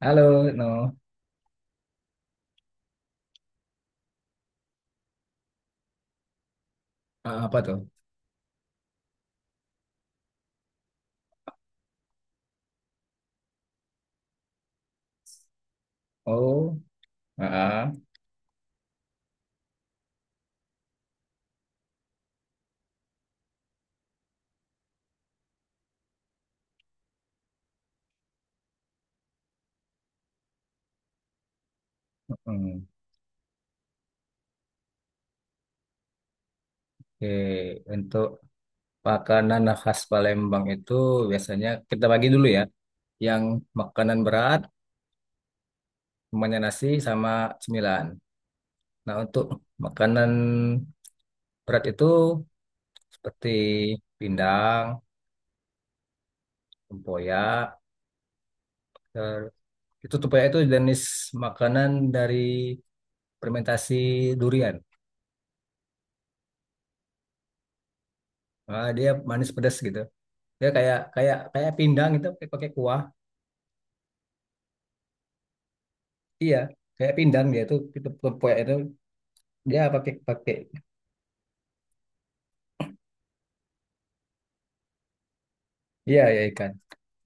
Halo, no. Apa tuh? Oh, ah, mm. Oke. Untuk makanan khas Palembang itu biasanya kita bagi dulu ya. Yang makanan berat, semuanya nasi sama cemilan. Nah, untuk makanan berat itu seperti pindang, tempoyak. ter- Itu tempoyak itu jenis makanan dari fermentasi durian. Dia manis pedas gitu. Dia kayak kayak kayak pindang itu pakai pakai kuah. Iya, kayak pindang dia itu kepoyak itu dia pakai pakai. Iya ya ikan.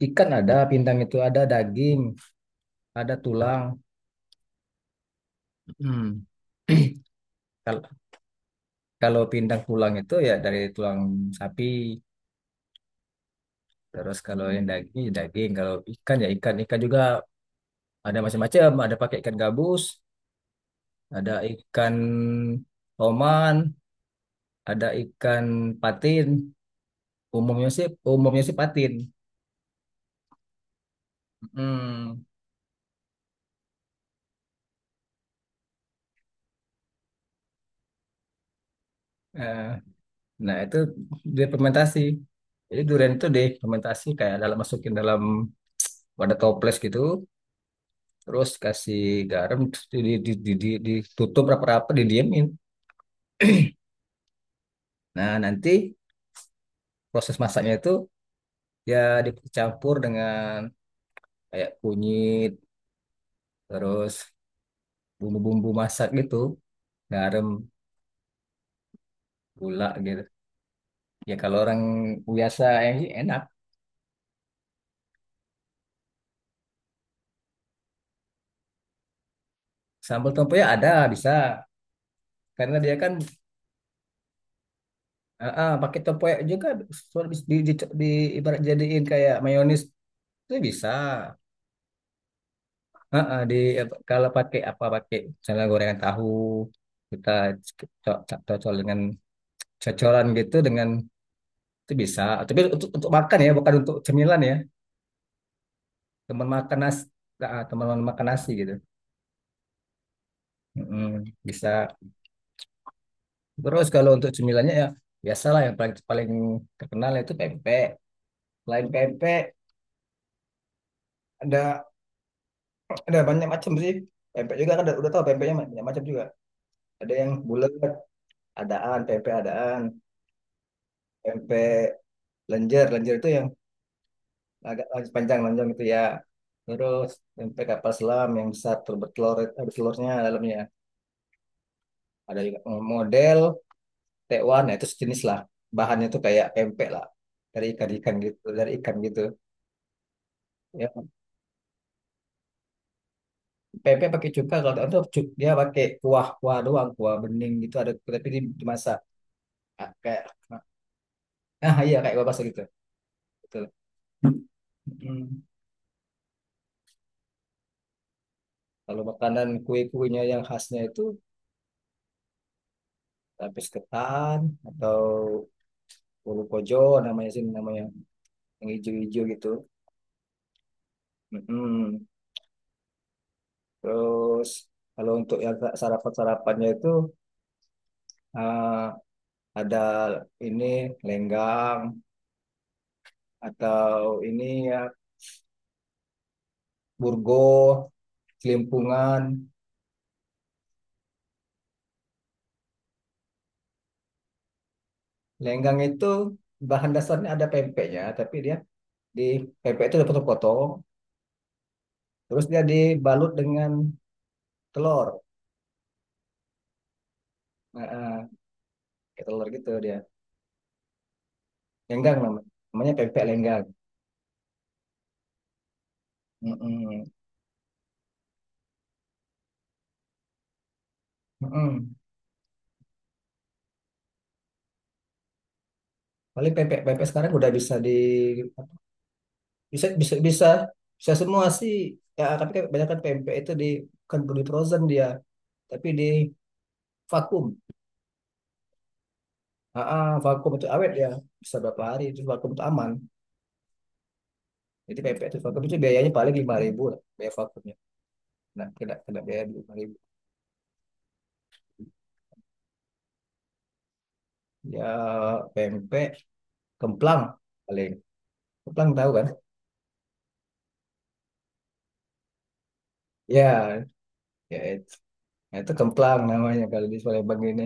Ikan ada, pindang itu ada daging, ada tulang. Hmm. Kalau kalau pindang tulang itu ya dari tulang sapi. Terus kalau yang daging ya daging, kalau ikan ya ikan. Ikan juga ada macam-macam, ada pakai ikan gabus, ada ikan oman, ada ikan patin. Umumnya sih umumnya sih patin. Hmm. eh. Nah, itu dia fermentasi. Jadi durian itu difermentasi kayak dalam masukin dalam wadah toples gitu, terus kasih garam, terus ditutup rapat-rapat, didiemin. Nah, nanti proses masaknya itu ya dicampur dengan kayak kunyit, terus bumbu-bumbu masak gitu, garam, gula gitu. Ya kalau orang biasa yang enak, sambal tempe ya ada bisa, karena dia kan pakai tempoyak juga soal bis- di ibarat jadiin kayak mayonis itu bisa. Di apa, kalau pakai apa pakai misalnya gorengan tahu kita cocol dengan cocolan gitu dengan itu bisa. Tapi untuk makan ya, bukan untuk cemilan ya. Teman makan nasi, teman makan nasi gitu. Mm-mm, bisa. Terus kalau untuk cemilannya ya biasalah yang paling paling terkenal itu pempek. Selain pempek ada. Ada banyak macam sih. Pempek juga kan udah tahu pempeknya banyak macam juga. Ada yang bulat, adaan, pempek lenjer. Lenjer itu yang agak panjang lonjong itu ya. Terus pempek kapal selam yang besar bertelur ada telurnya dalamnya. Ada juga model tekwan, nah itu sejenis lah. Bahannya itu kayak pempek lah dari ikan-ikan gitu, dari ikan gitu. Ya, pempek pakai cuka kalau itu dia pakai kuah-kuah doang, kuah bening gitu ada tapi dimasak. Ah, kayak nah iya kayak gua gitu. Betul. Hmm. Kalau makanan kue-kuenya yang khasnya itu lapis ketan atau ulu kojo namanya yang hijau-hijau gitu. Mm-mm. Terus kalau untuk yang sarapan-sarapannya itu ah, ada ini lenggang atau ini ya burgo, kelimpungan. Lenggang itu bahan dasarnya ada pempeknya, tapi dia di pempek itu dipotong-potong, terus dia dibalut dengan telur. Nah, kayak telur gitu dia. Lenggang namanya. Namanya pempek lenggang. Mm-mm. Mm-mm. Paling pempek pempek sekarang udah bisa di bisa bisa semua sih. Ya, tapi kan kebanyakan pempek itu di bukan di frozen dia, tapi di vakum. Vakum itu awet ya. Bisa berapa hari itu vakum itu aman. Jadi pempek itu vakum itu biayanya paling lima ribu lah, biaya vakumnya. Nah, kena kena biaya lima ribu. Ya pempek kemplang paling. Kemplang tahu kan? Ya, ya itu. Nah, itu kemplang namanya kalau di Palembang ini.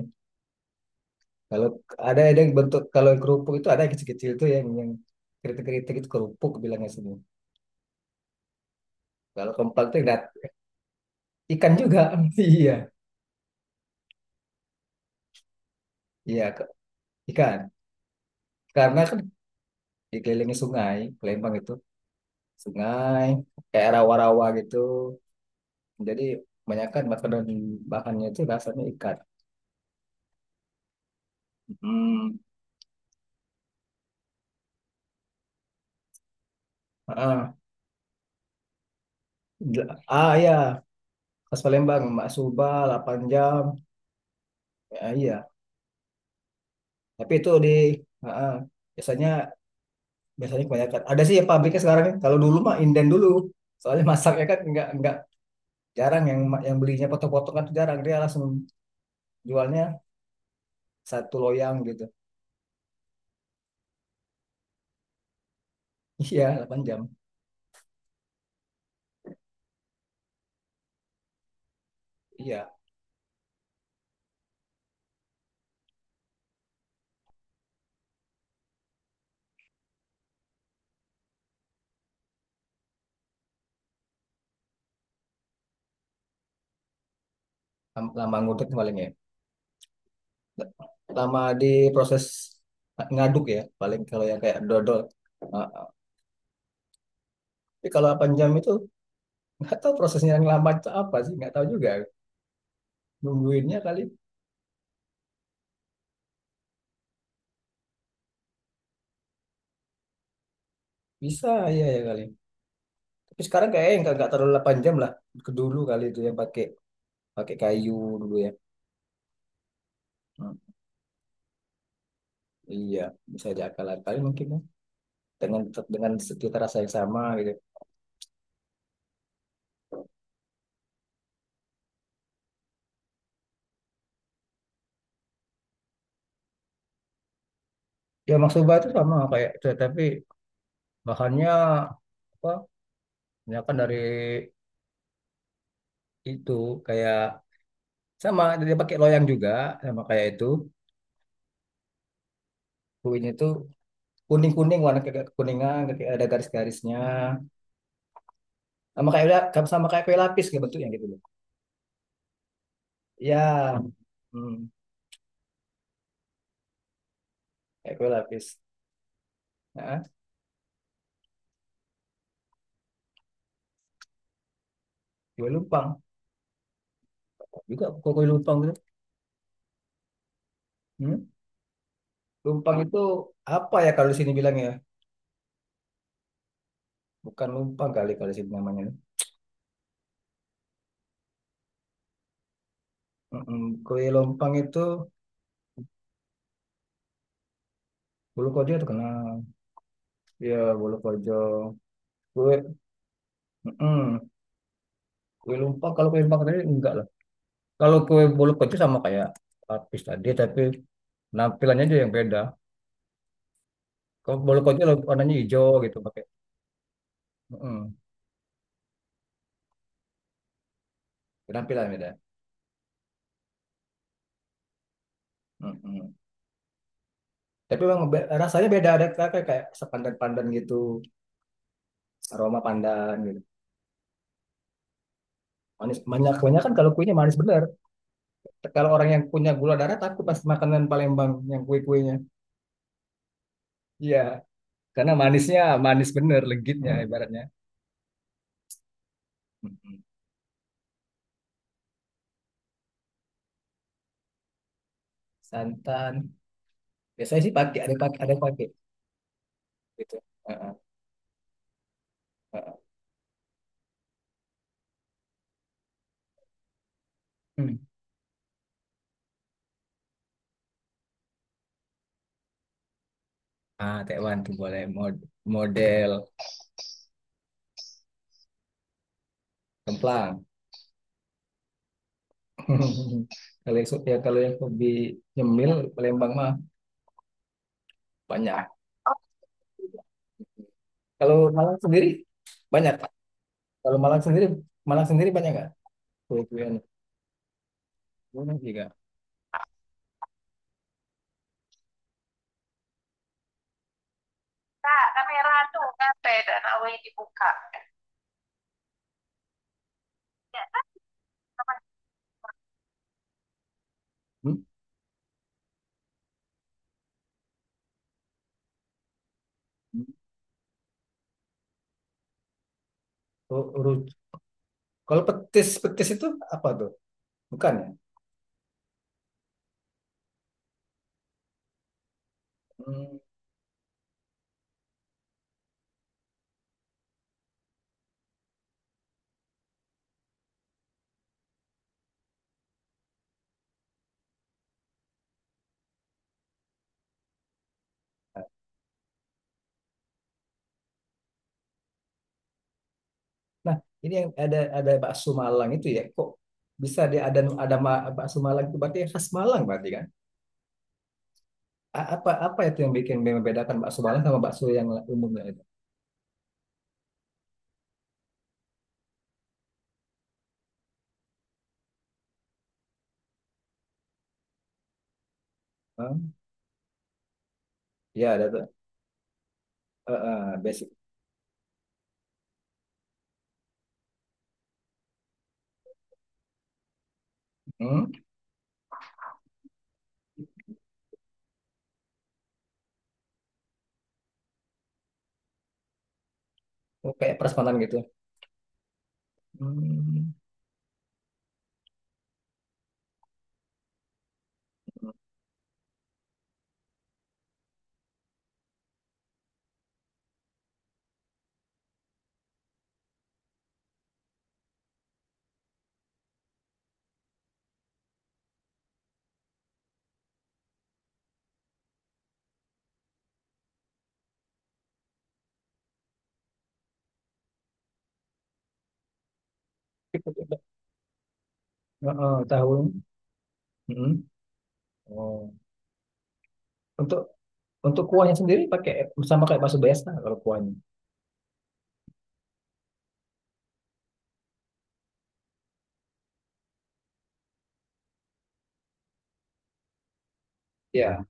Kalau ada yang bentuk kalau yang kerupuk itu ada yang kecil-kecil tuh yang kritik-kritik itu kerupuk bilangnya sini. Kalau kemplang itu yang ikan juga. Iya. Iya, ikan. Karena kan dikelilingi sungai, Palembang itu sungai kayak rawa-rawa gitu. Jadi kebanyakan makanan bahannya itu rasanya ikan. Hmm. Ah, Gila. ah ya khas Palembang, Mak Suba, 8 jam. Ya, iya, tapi itu di ah, ah. biasanya biasanya kebanyakan ada sih ya pabriknya sekarang ya. Kalau dulu mah inden dulu soalnya masaknya kan nggak jarang yang belinya potong-potong kan tuh jarang dia langsung jualnya satu loyang gitu. Iya 8 jam, iya. Lama ngudek paling ya, lama di proses ngaduk ya paling kalau yang kayak dodol. Ah, tapi kalau 8 jam itu nggak tahu prosesnya yang lama itu apa sih, nggak tahu juga, nungguinnya kali bisa, iya ya kali, tapi sekarang kayaknya nggak terlalu 8 jam lah, ke dulu kali itu yang pakai pakai kayu dulu ya. Iya, bisa diakal akali mungkin ya. Dengan dengan cita rasa yang sama gitu. Ya maksoba itu sama kayak itu, tapi bahannya apa? Misalkan dari itu kayak sama dia pakai loyang juga sama kayak itu. Kuenya itu kuning-kuning warna kayak kekuningan, kayak ada garis-garisnya. Sama kayak sama kayak kue lapis kayak bentuknya gitu loh. Ya, hmm, kayak kue lapis. Nah, kue lumpang juga kue kue lumpang gitu. Hmm? Lumpang itu apa ya kalau di sini bilangnya? Bukan lumpang kali kalau sih namanya. Mm-mm. Kue lompang itu bulu kojo terkenal. Ya bulu kojo. Kue, mm-mm. Kue lumpang, kalau kue lumpang tadi enggak lah. Kalau kue bulu kojo sama kayak lapis tadi, tapi penampilannya aja yang beda. Kalau bulu kojo warnanya hijau gitu pakai. Mm-mm. Penampilan beda. Mm-mm. Tapi memang rasanya beda, ada kayak kayak sepandan-pandan gitu, aroma pandan gitu. Manis, banyak banyak kan kalau kuenya manis bener. Kalau orang yang punya gula darah takut pas makanan Palembang yang kue-kuenya. Iya, karena manisnya manis bener legitnya. Hmm. Ibaratnya. Mm-mm. Santan. Biasanya sih pakai, ada yang pakai, ada yang pakai gitu. Heeh, heeh. Hmm. Taiwan tuh boleh. Model kemplang. Kalau yang ya kalau yang lebih nyemil Palembang mah banyak. Kalau Malang sendiri banyak. Pak. Kalau Malang sendiri banyak nggak kue-kuean? Banyak juga. Kak, kamera tuh ngapain dan awalnya dibuka. Ya, sama. Hmm? Kalau petis, petis itu apa tuh? Bukan ya? Hmm. Nah, ini yang ada bakso Malang itu ya. Kok bisa dia ada bakso Malang itu berarti khas Malang berarti kan? Apa apa itu yang bikin membedakan bakso Malang sama bakso yang umumnya itu? Hmm. Ya, ada tuh. Eh, eh, basic. Hmm. Oh, kayak prasmanan gitu. Hmm. Heeh, tahu. Mm. Oh. Untuk untuk kuahnya sendiri pakai sama kayak bakso biasa kalau kuahnya. Ya.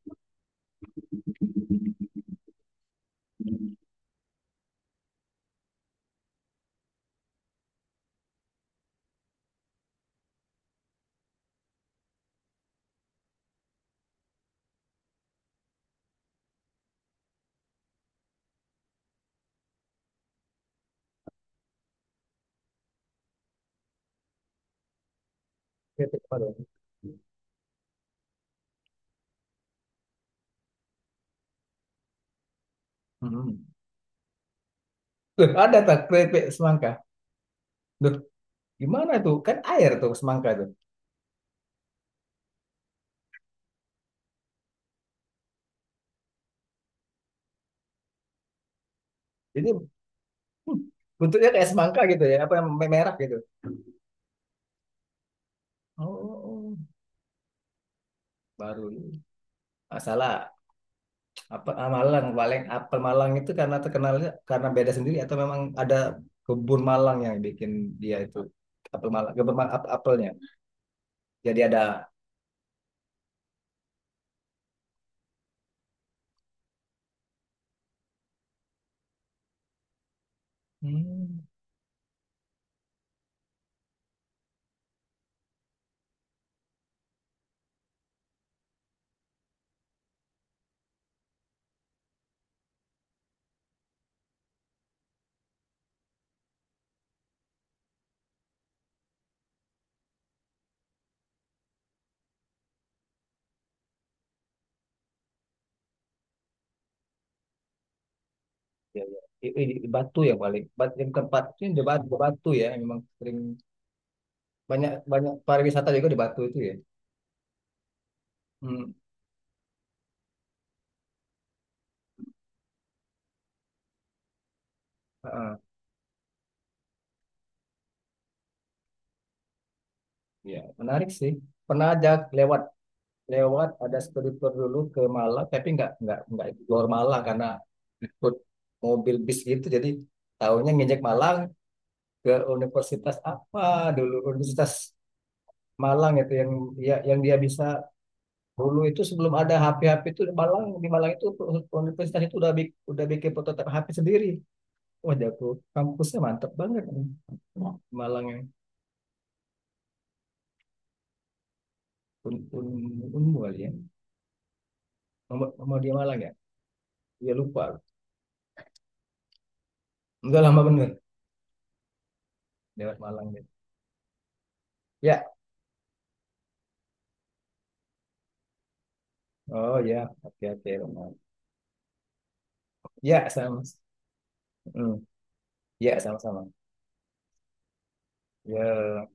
Oke, apa dong? Mm. Loh, ada tak keripik semangka? Loh, gimana tuh? Kan air tuh semangka tuh. Jadi bentuknya kayak semangka gitu ya, apa yang merah gitu. Oh, baru ini. Ah, Apa ah, Malang paling apel Malang itu karena terkenalnya karena beda sendiri atau memang ada kebun Malang yang bikin dia itu apel Malang, kebun Malang, apelnya. Jadi ada hmm, ya, ya. Batu ya paling. Batu yang tempatnya di Batu, Batu ya, memang sering banyak banyak pariwisata juga di Batu itu ya. Hmm. Ah, ah. Iya. Menarik sih. Pernah aja lewat lewat ada studi tour dulu ke Malang, tapi nggak explore Malang karena ikut mobil bis gitu. Jadi tahunya ngejek Malang ke universitas apa dulu. Universitas Malang itu yang ya, yang dia bisa dulu itu sebelum ada HP-HP itu di Malang itu universitas itu udah udah bikin prototipe HP sendiri. Wah jago, kampusnya mantep banget nih. Malang yang un, un, unmu kali ya. Nomor dia Malang ya. Dia lupa. Udah lama bener lewat Malang gitu. Ya, oh ya, oke oke. Malang. Ya sama, hmm. Ya sama-sama. Ya.